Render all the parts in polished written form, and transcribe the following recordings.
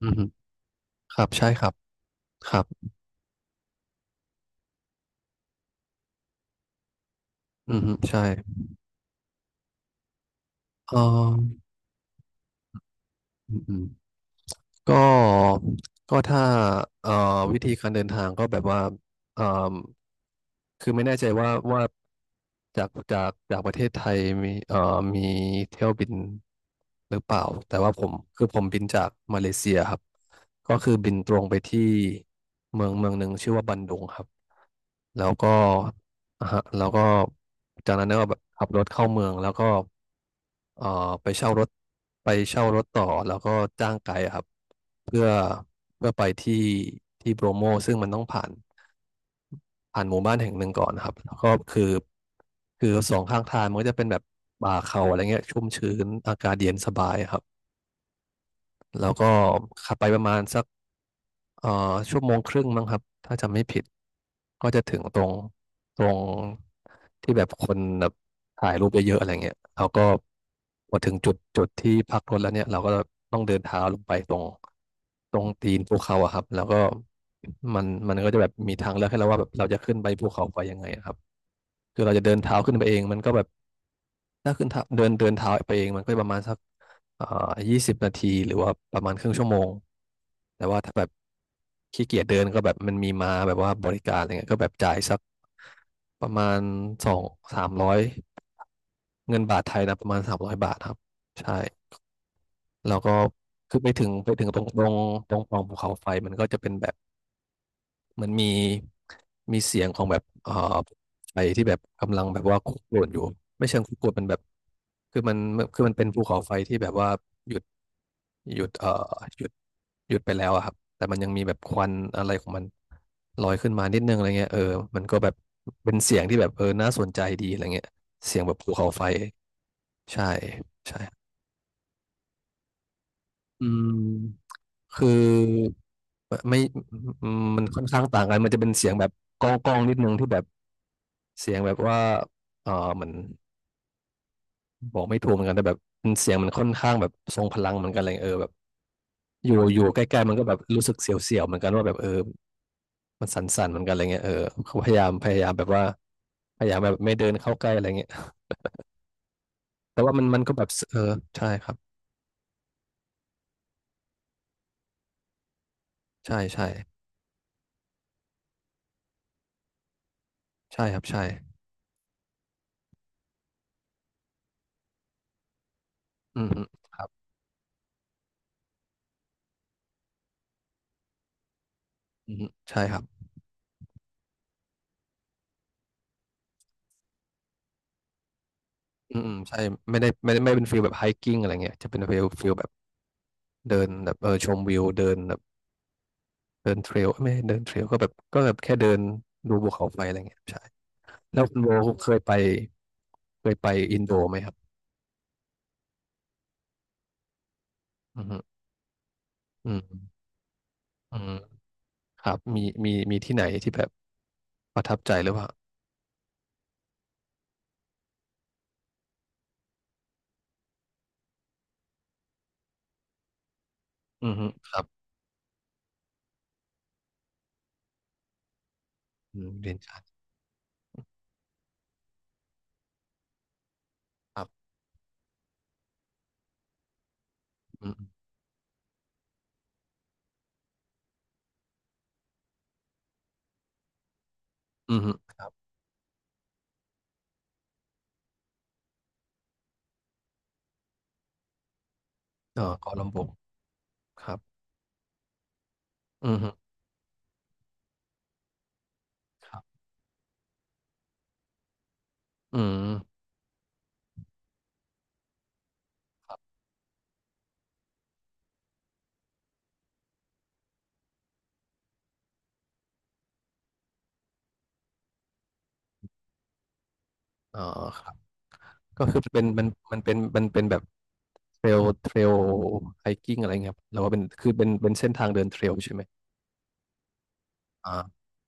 อืมครับใช่ครับครับอืมใช่เอออืมอืมก็ก็ถ้าเอ่อวิธีการเดินทางก็แบบว่าเอ่อคือไม่แน่ใจว่าจากประเทศไทยมีเอ่อมีเที่ยวบินหรือเปล่า แต่ว่าผมคือผมบินจากมาเลเซียครับ ก็คือบินตรงไปที่เมืองเมืองหนึ่งชื่อว่าบันดุงครับ แล้วก็แล้วก็ จากนั้นก็แบบขับรถเข้าเมือง แล้วก็เอ่อไปเช่ารถไปเช่ารถต่อ แล้วก็จ้างไกด์อะครับเพื่อเพื่อไปที่ที่โบรโมซึ่งมันต้องผ่านหมู่บ้านแห่งหนึ่งก่อนนะครับแล้วก็คือสองข้างทางมันก็จะเป็นแบบป่าเขาอะไรเงี้ยชุ่มชื้นอากาศเย็นสบายอะครับ แล้วก็ขับไปประมาณสัก เอ่อชั่วโมงครึ่งมั้งครับถ้าจำไม่ผิดก็จะถึงตรงที่แบบคนแบบถ่ายรูปเยอะๆอะไรเงี้ยเราก็พอถึงจุดที่พักรถแล้วเนี่ยเราก็ต้องเดินเท้าลงไปตรงตีนภูเขาอะครับแล้วก็มันก็จะแบบมีทางเลือกให้เราว่าแบบเราจะขึ้นไปภูเขาไฟยังไงอะครับคือเราจะเดินเท้าขึ้นไปเองมันก็แบบ ถ้าขึ้นเท้าเดินเดินเท้าไปเองมันก็ประมาณสักเอ่อ20 นาทีหรือว่าประมาณครึ่งชั่วโมง แต่ว่าถ้าแบบขี้เกียจเดินก็แบบมันมีมาแบบว่าบริการอะไรเงี้ยก็แบบจ่ายสักประมาณ200-300เงินบาทไทยนะประมาณ300 บาทครับใช่แล้วก็คือไปถึงตรงปล่องภูเขาไฟมันก็จะเป็นแบบ มันมีเสียงของแบบไฟที่แบบกำลังแบบว่าคุกรุ่นอยู่ไม่เชิงคุกรุ่นมันแบบคือมันคือมันเป็นภูเขาไฟที่แบบว่าหยุดหยุดเอ่อหยุดหยุดไปแล้วอะครับแต่มันยังมีแบบควันอะไรของมันลอยขึ้นมานิดนึงอะไรเงี้ยเออมันก็แบบเป็นเสียงที่แบบเออน่าสนใจดีอะไรเงี้ยเสียงแบบภูเขาไฟใช่ใช่อืมคือไม่มันค่อนข้างต่างกันมันจะเป็นเสียงแบบก้องก้องนิดนึงที่แบบ เสียงแบบว่าเออเหมือนบอกไม่ถูกเหมือนกันแต่แบบมันเสียงมันค่อนข้างแบบทรงพลังเหมือนกันอะไรเงี้ยเออแบบอยู่ใกล้ๆมันก็แบบรู้สึกเสียวๆเหมือนกันว่าแบบเออมันสั่นๆเหมือนกันอะไรเงี้ยเออเขาพยายามพยายามแบบว่าพยายามแบบไม่เดินเข้าใกล้อะไรเงี้ยแต่ว่ามันมันก็แบบเออใช่ครับใช่ใช่ใช่ครับใช่อืมอืมครับอืมอืมใช่ครับอืมอืมใช่ไม่ได้ไม่เป็นฟิลแบบไฮกิ้งอะไรเงี้ยจะเป็นฟิลแบบเดินแบบเออชมวิวเดินแบบ เดินเทรลเไม่เดินเทรลก็แบบแค่เดินดูภูเขาไฟอะไรเงี้ยใช่แล้วคุณโบเคยไปเคยไปอินโดไหมครับอืมอืมอืมครับมีที่ไหนที่แบบประทับใจหรือเปล่าอืมครับอืมเรียนชาญครับอืมอืมครับเออเกาลาลำบุงครับอืมครับอืมอ๋อครับก็คือเป็นมันมันเป็นมันเป็นแบบเทรลไฮกิ้งอะไรเงี้ยครับแล้วว่าเป็นคือเป็นเป็นเส้นทางเดินเทรลใช่ไหมอ่า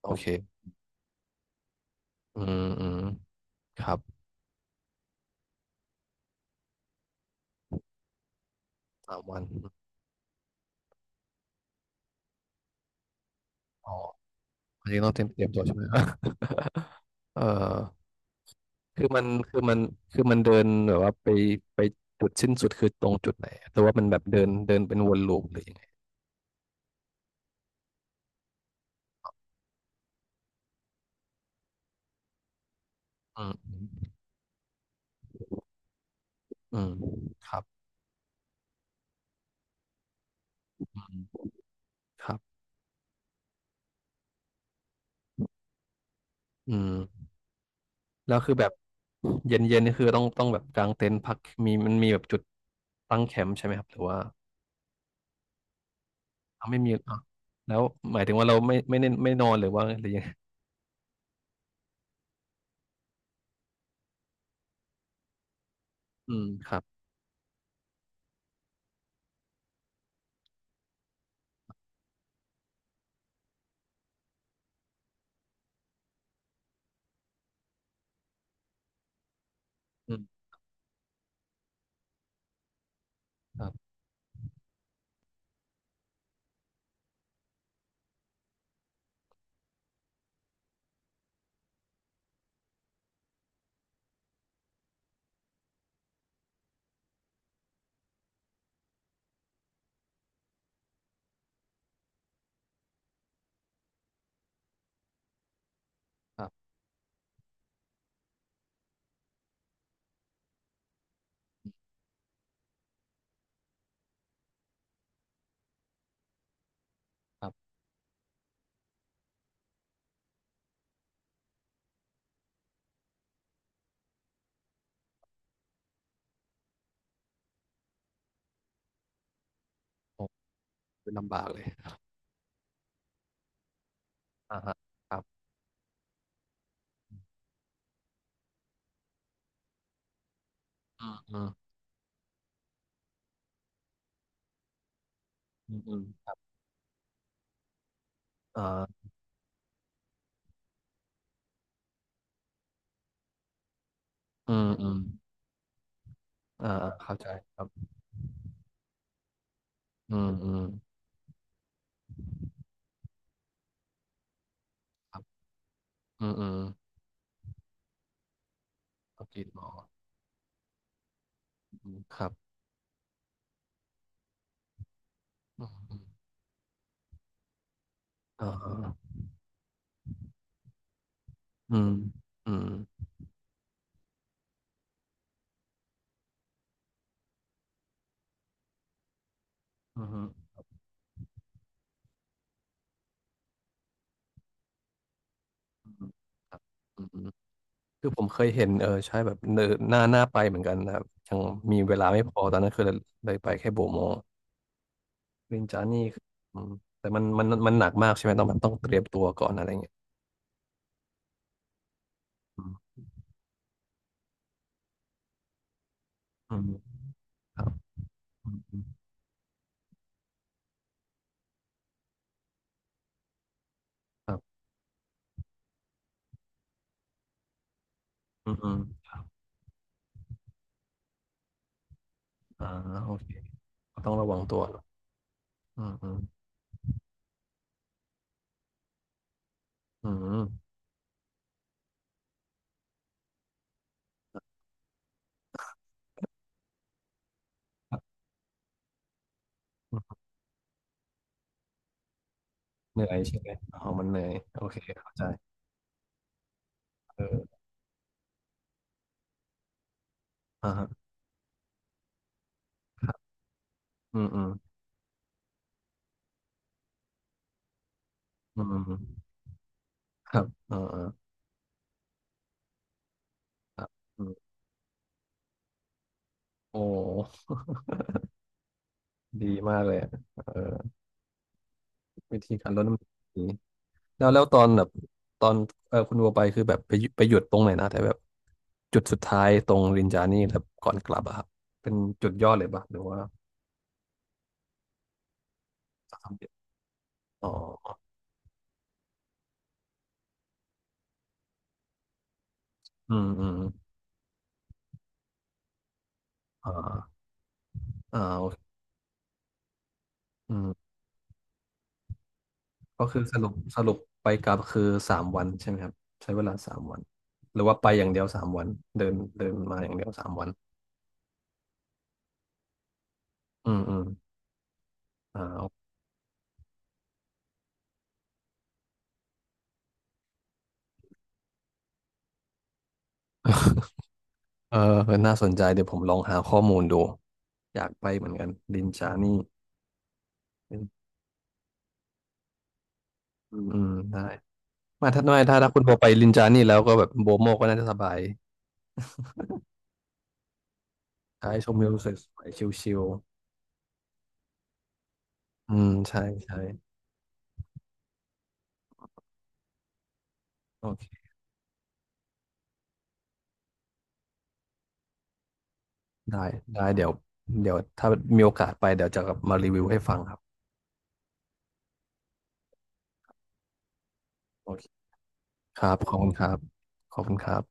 โอเค อืมอืมครับ3 วันอ๋ออันนี้ต้องเตรียมตัวใช่ไหม เออคือมันคือมันคือมันเดินแบบว่าไปจุดสิ้นสุดคือตรงจุดไหนหรือว่ามันแบบเดินเดินเป็นวนลูปหรือยังไงอืมอืมครับอืมครับอืมแล้วคือแบบเย็นเย็นนี่คือต้องแบบกางเต็นท์พักมันมีแบบจุดตั้งแคมป์ใช่ไหมครับหรือว่าเอาไม่มีอ่ะแล้วหมายถึงว่าเราไม่ได้ไม่นอนหรือว่าหรือยังไงอืมครับอืมครับครับครับโอ้ เป็นลำบากเลยอ่าฮะครับอืมอืมอืมอืมอ่าอืมอืมอ่าเข้าใจครับอืมอืมครับอืมอืมก็กินหมออืมครับอืมอืมอ่าฮะอืมอืมอืมอืมครับอืมอืมคือผมเคยเห็นเออใช่แบบเนอหน้าไปเหมือนกันนะครับยังมีเวลาไม่พอตอนนั้นคือเลยไปแค่โบโมลินจานี่คืออืมแต่มันมันมันหนักมากใช่ไหมต้องแบบต้องเตรียมตัวก่อนอะไรเงี้ยอืมอืมครับอืมอืมครับอืมอืม อ่าโอเคต้องระวังตัวอืมอืมอืมเหนื่อยใช่ไหมอ๋อมันเหนื่อยโอเคเข้าใจเอออ่าฮะครับอืมอืมอืมอืมครับอ่าอ่าครับอืมโอ้ดีมากเลยอะเออวิธีการลดน้ำหนักดีแล้วแล้วตอนคุณวัวไปคือแบบไปหยุดตรงไหนนะแต่แบบจุดสุดท้ายตรงรินจานี่แบบก่อนกลับอะครับเป็นจุดยอดเลยปะหรือว่าทำเด็ดอ๋ออืมอืมอ่าอ่าโอเคอืม ก็คือสรุปไปกลับคือสามวันใช่ไหมครับใช้เวลาสามวันหรือว่าไปอย่างเดียวสามวันเดินเดินมาอย่างเดียวสามวันอืมอืมอ่าเออน่าสนใจเดี๋ยวผมลองหาข้อมูลดูอยากไปเหมือนกันลินจานี่อืมอืมได้มาถ้าคุณโบไปลินจานี่แล้วก็แบบโบโมก็น่าจะสบายใช่ชมวิวสวยๆชิลๆอืมใช่ใช่โอเคได้ได้เดี๋ยวถ้ามีโอกาสไปเดี๋ยวจะกลับมารีวิวให้ฟังครับโอเค ครับขอบคุณครับขอบคุณครับ